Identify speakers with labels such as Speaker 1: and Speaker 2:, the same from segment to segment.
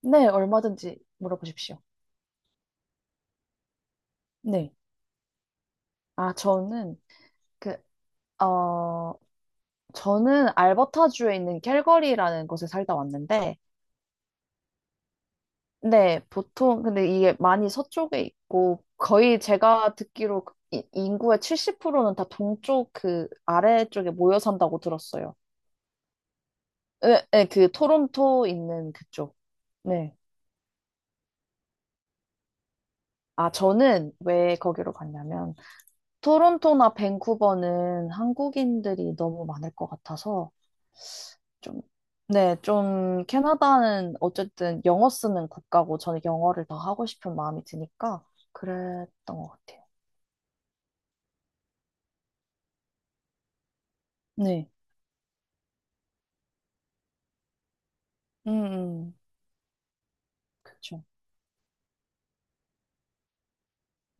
Speaker 1: 네, 얼마든지 물어보십시오. 네. 아, 저는 그, 어, 저는 알버타주에 있는 캘거리라는 곳에 살다 왔는데, 네, 보통, 근데 이게 많이 서쪽에 있고, 거의 제가 듣기로 그 인구의 70%는 다 동쪽 그 아래쪽에 모여 산다고 들었어요. 네, 네, 그 토론토 있는 그쪽. 네. 아, 저는 왜 거기로 갔냐면, 토론토나 밴쿠버는 한국인들이 너무 많을 것 같아서, 좀, 네, 좀, 캐나다는 어쨌든 영어 쓰는 국가고, 저는 영어를 더 하고 싶은 마음이 드니까, 그랬던 것 같아요. 네. 음, 음, 그쵸.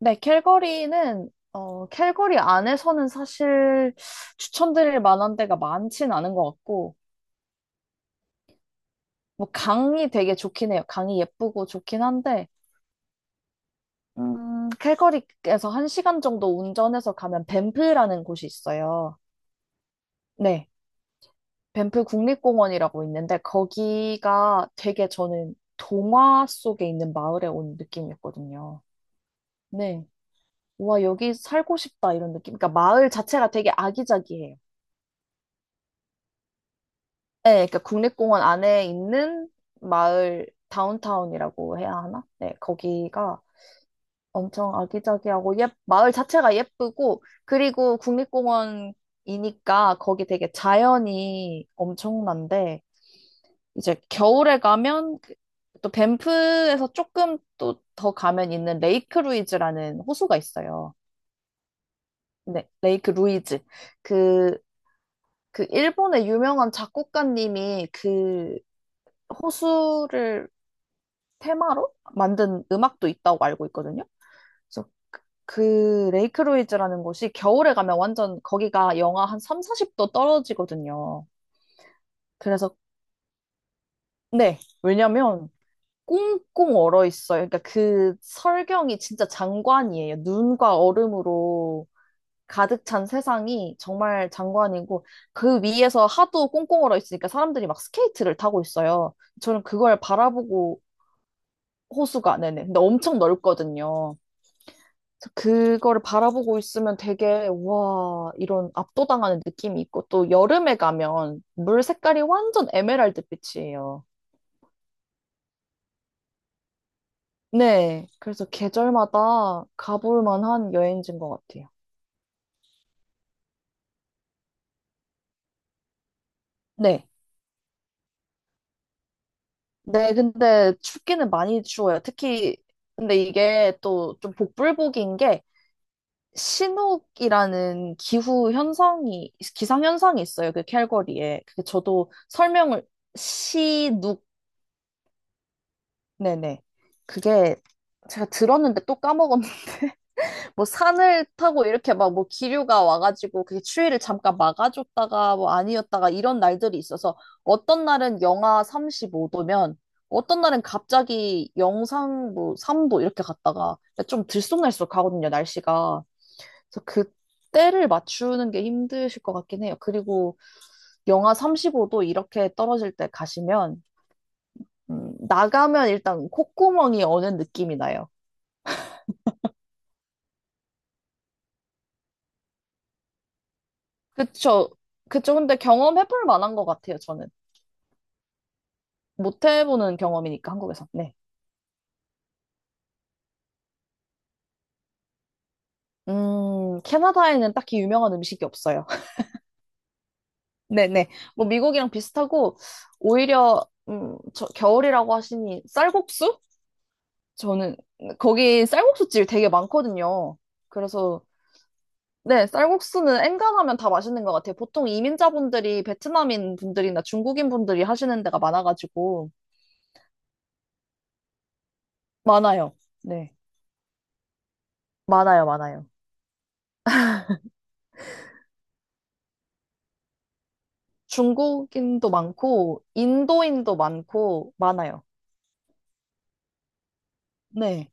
Speaker 1: 네, 캘거리는, 어, 캘거리 안에서는 사실 추천드릴 만한 데가 많진 않은 것 같고, 뭐, 강이 되게 좋긴 해요. 강이 예쁘고 좋긴 한데, 캘거리에서 한 시간 정도 운전해서 가면 밴프라는 곳이 있어요. 네. 밴프 국립공원이라고 있는데 거기가 되게 저는 동화 속에 있는 마을에 온 느낌이었거든요. 네. 와, 여기 살고 싶다 이런 느낌. 그러니까 마을 자체가 되게 아기자기해요. 네, 그러니까 국립공원 안에 있는 마을 다운타운이라고 해야 하나? 네, 거기가 엄청 아기자기하고 예, 마을 자체가 예쁘고 그리고 국립공원이니까 거기 되게 자연이 엄청난데 이제 겨울에 가면 그또 밴프에서 조금 또 더 가면 있는 레이크 루이즈라는 호수가 있어요. 네, 레이크 루이즈. 그, 그 일본의 유명한 작곡가님이 그 호수를 테마로 만든 음악도 있다고 알고 있거든요. 그래서 그 레이크 루이즈라는 곳이 겨울에 가면 완전 거기가 영하 한 3, 40도 떨어지거든요. 그래서 네, 왜냐면 꽁꽁 얼어 있어요. 그러니까 그 설경이 진짜 장관이에요. 눈과 얼음으로 가득 찬 세상이 정말 장관이고 그 위에서 하도 꽁꽁 얼어 있으니까 사람들이 막 스케이트를 타고 있어요. 저는 그걸 바라보고 호수가 네네. 근데 엄청 넓거든요. 그래서 그거를 바라보고 있으면 되게 와 이런 압도당하는 느낌이 있고 또 여름에 가면 물 색깔이 완전 에메랄드 빛이에요. 네. 그래서 계절마다 가볼 만한 여행지인 것 같아요. 네. 네, 근데 춥기는 많이 추워요. 특히, 근데 이게 또 좀 복불복인 게, 신옥이라는 기후 현상이, 기상 현상이 있어요. 그 캘거리에. 그게 저도 설명을, 시눅, 네네. 그게 제가 들었는데 또까먹었는데 뭐 산을 타고 이렇게 막 뭐 기류가 와가지고 그게 추위를 잠깐 막아줬다가 뭐 아니었다가 이런 날들이 있어서 어떤 날은 영하 35도면 어떤 날은 갑자기 영상 뭐 3도 이렇게 갔다가 좀 들쑥날쑥 하거든요, 날씨가. 그래서 그때를 맞추는 게 힘드실 것 같긴 해요. 그리고 영하 35도 이렇게 떨어질 때 가시면 나가면 일단 콧구멍이 어는 느낌이 나요. 그쵸. 그쵸. 근데 경험해볼 만한 것 같아요, 저는. 못 해보는 경험이니까, 한국에서. 네. 캐나다에는 딱히 유명한 음식이 없어요. 네네. 뭐, 미국이랑 비슷하고, 오히려, 저, 겨울이라고 하시니, 쌀국수? 저는, 거기 쌀국수집 되게 많거든요. 그래서, 네, 쌀국수는 엔간하면 다 맛있는 것 같아요. 보통 이민자분들이 베트남인 분들이나 중국인 분들이 하시는 데가 많아가지고, 많아요. 네. 많아요, 많아요. 중국인도 많고, 인도인도 많고, 많아요. 네.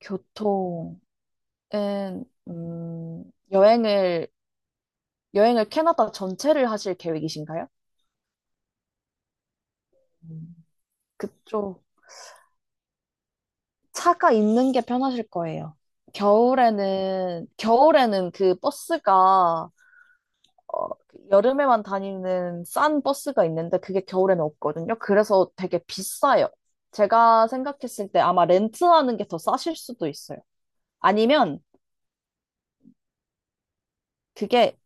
Speaker 1: 교통은 음, 여행을 여행을 캐나다 전체를 하실 계획이신가요? 음, 그쪽 차가 있는 게 편하실 거예요. 겨울에는 그 버스가 어, 그 여름에만 다니는 싼 버스가 있는데 그게 겨울에는 없거든요. 그래서 되게 비싸요. 제가 생각했을 때 아마 렌트하는 게 더 싸실 수도 있어요. 아니면 그게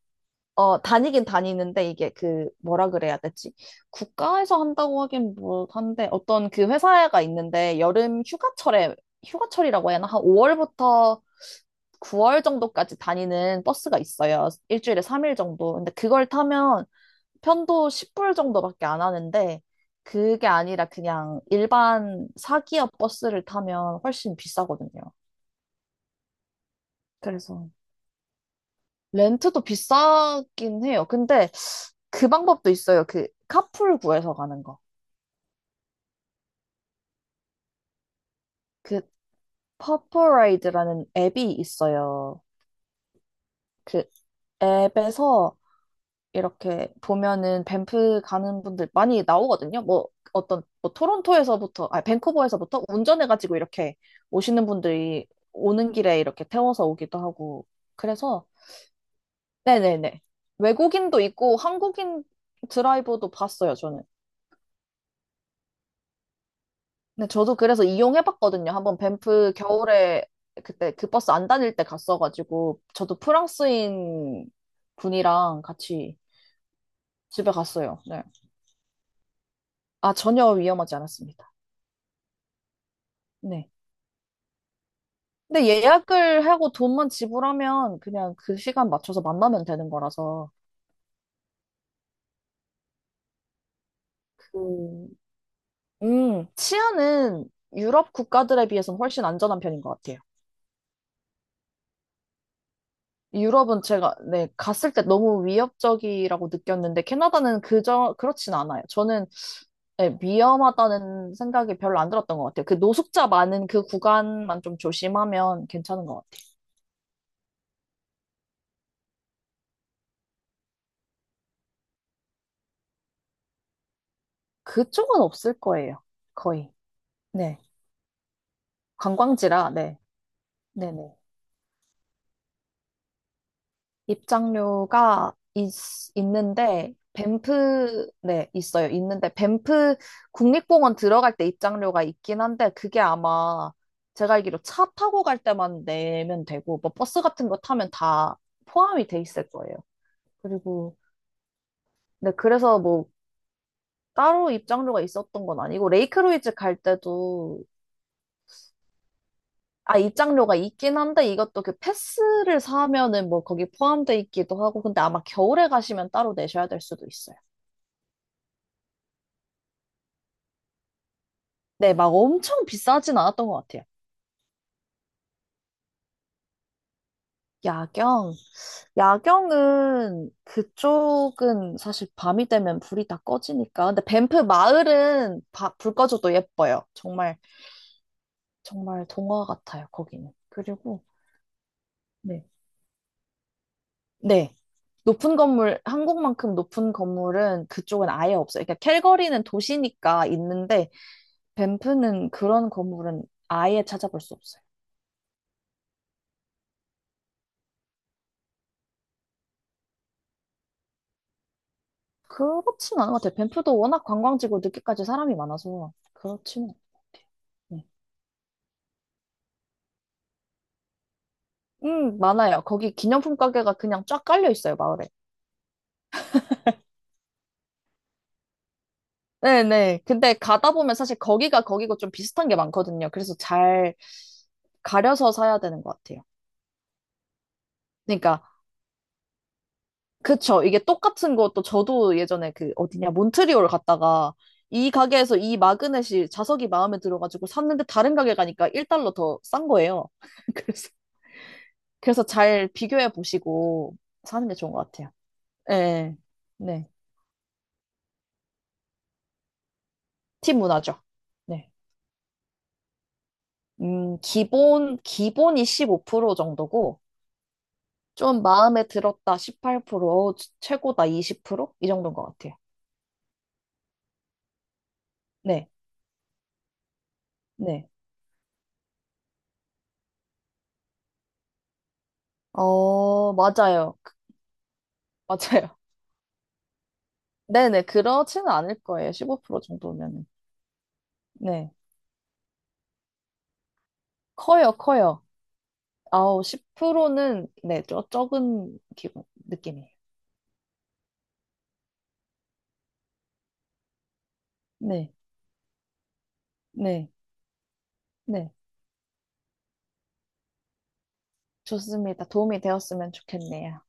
Speaker 1: 어, 다니긴 다니는데 이게 그 뭐라 그래야 되지? 국가에서 한다고 하긴 뭐 한데 어떤 그 회사가 있는데 여름 휴가철에 휴가철이라고 해야 하나? 한 5월부터 9월 정도까지 다니는 버스가 있어요. 일주일에 3일 정도. 근데 그걸 타면 편도 10불 정도밖에 안 하는데 그게 아니라 그냥 일반 사기업 버스를 타면 훨씬 비싸거든요. 그래서 렌트도 비싸긴 해요. 근데 그 방법도 있어요. 그 카풀 구해서 가는 거. 그 퍼플라이드라는 앱이 있어요. 그 앱에서 이렇게 보면은 밴프 가는 분들 많이 나오거든요. 뭐 어떤 뭐 토론토에서부터 아 밴쿠버에서부터 운전해가지고 이렇게 오시는 분들이 오는 길에 이렇게 태워서 오기도 하고 그래서 네네네 외국인도 있고 한국인 드라이버도 봤어요 저는. 근데 저도 그래서 이용해봤거든요. 한번 밴프 겨울에 그때 그 버스 안 다닐 때 갔어가지고 저도 프랑스인 분이랑 같이 집에 갔어요. 네. 아, 전혀 위험하지 않았습니다. 네. 근데 예약을 하고 돈만 지불하면 그냥 그 시간 맞춰서 만나면 되는 거라서 그, 치안은 유럽 국가들에 비해서는 훨씬 안전한 편인 것 같아요. 유럽은 제가 네, 갔을 때 너무 위협적이라고 느꼈는데 캐나다는 그저 그렇진 않아요. 저는 네, 위험하다는 생각이 별로 안 들었던 것 같아요. 그 노숙자 많은 그 구간만 좀 조심하면 괜찮은 것 같아요. 그쪽은 없을 거예요. 거의. 네. 관광지라, 네. 네네. 입장료가 있, 있는데, 밴프, 네, 있어요. 있는데, 밴프 국립공원 들어갈 때 입장료가 있긴 한데, 그게 아마 제가 알기로 차 타고 갈 때만 내면 되고, 뭐 버스 같은 거 타면 다 포함이 돼 있을 거예요. 그리고 네, 그래서 뭐 따로 입장료가 있었던 건 아니고 레이크로이즈 갈 때도 아 입장료가 있긴 한데 이것도 그 패스를 사면은 뭐 거기 포함돼 있기도 하고 근데 아마 겨울에 가시면 따로 내셔야 될 수도 있어요. 네, 막 엄청 비싸진 않았던 것 같아요. 야경, 야경은 그쪽은 사실 밤이 되면 불이 다 꺼지니까. 근데 밴프 마을은 불 꺼져도 예뻐요. 정말 정말 동화 같아요, 거기는. 그리고 네. 네. 높은 건물, 한국만큼 높은 건물은 그쪽은 아예 없어요. 그러니까 캘거리는 도시니까 있는데 밴프는 그런 건물은 아예 찾아볼 수 없어요. 그렇진 않은 것 같아요. 밴프도 워낙 관광지고 늦게까지 사람이 많아서 그렇지는 않은 것 같아요. 네. 많아요. 거기 기념품 가게가 그냥 쫙 깔려 있어요, 마을에. 네네. 근데 가다 보면 사실 거기가 거기고 좀 비슷한 게 많거든요. 그래서 잘 가려서 사야 되는 것 같아요. 그러니까 그쵸. 이게 똑같은 것도 저도 예전에 그 어디냐, 몬트리올 갔다가 이 가게에서 이 마그넷이 자석이 마음에 들어가지고 샀는데 다른 가게 가니까 1달러 더 싼 거예요. 그래서, 그래서 잘 비교해 보시고 사는 게 좋은 것 같아요. 네. 네. 팀 문화죠. 네. 기본이 15% 정도고 좀 마음에 들었다 18%, 어우, 최고다 20%? 이 정도인 것 같아요. 네. 네. 어, 맞아요. 맞아요. 네네, 그렇지는 않을 거예요. 15% 정도면은. 네. 커요, 커요. 아우, 10%는, 네, 저, 적은 기분, 느낌이에요. 네, 네, 네. 좋습니다. 도움이 되었으면 좋겠네요.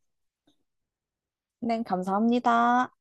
Speaker 1: 네, 감사합니다.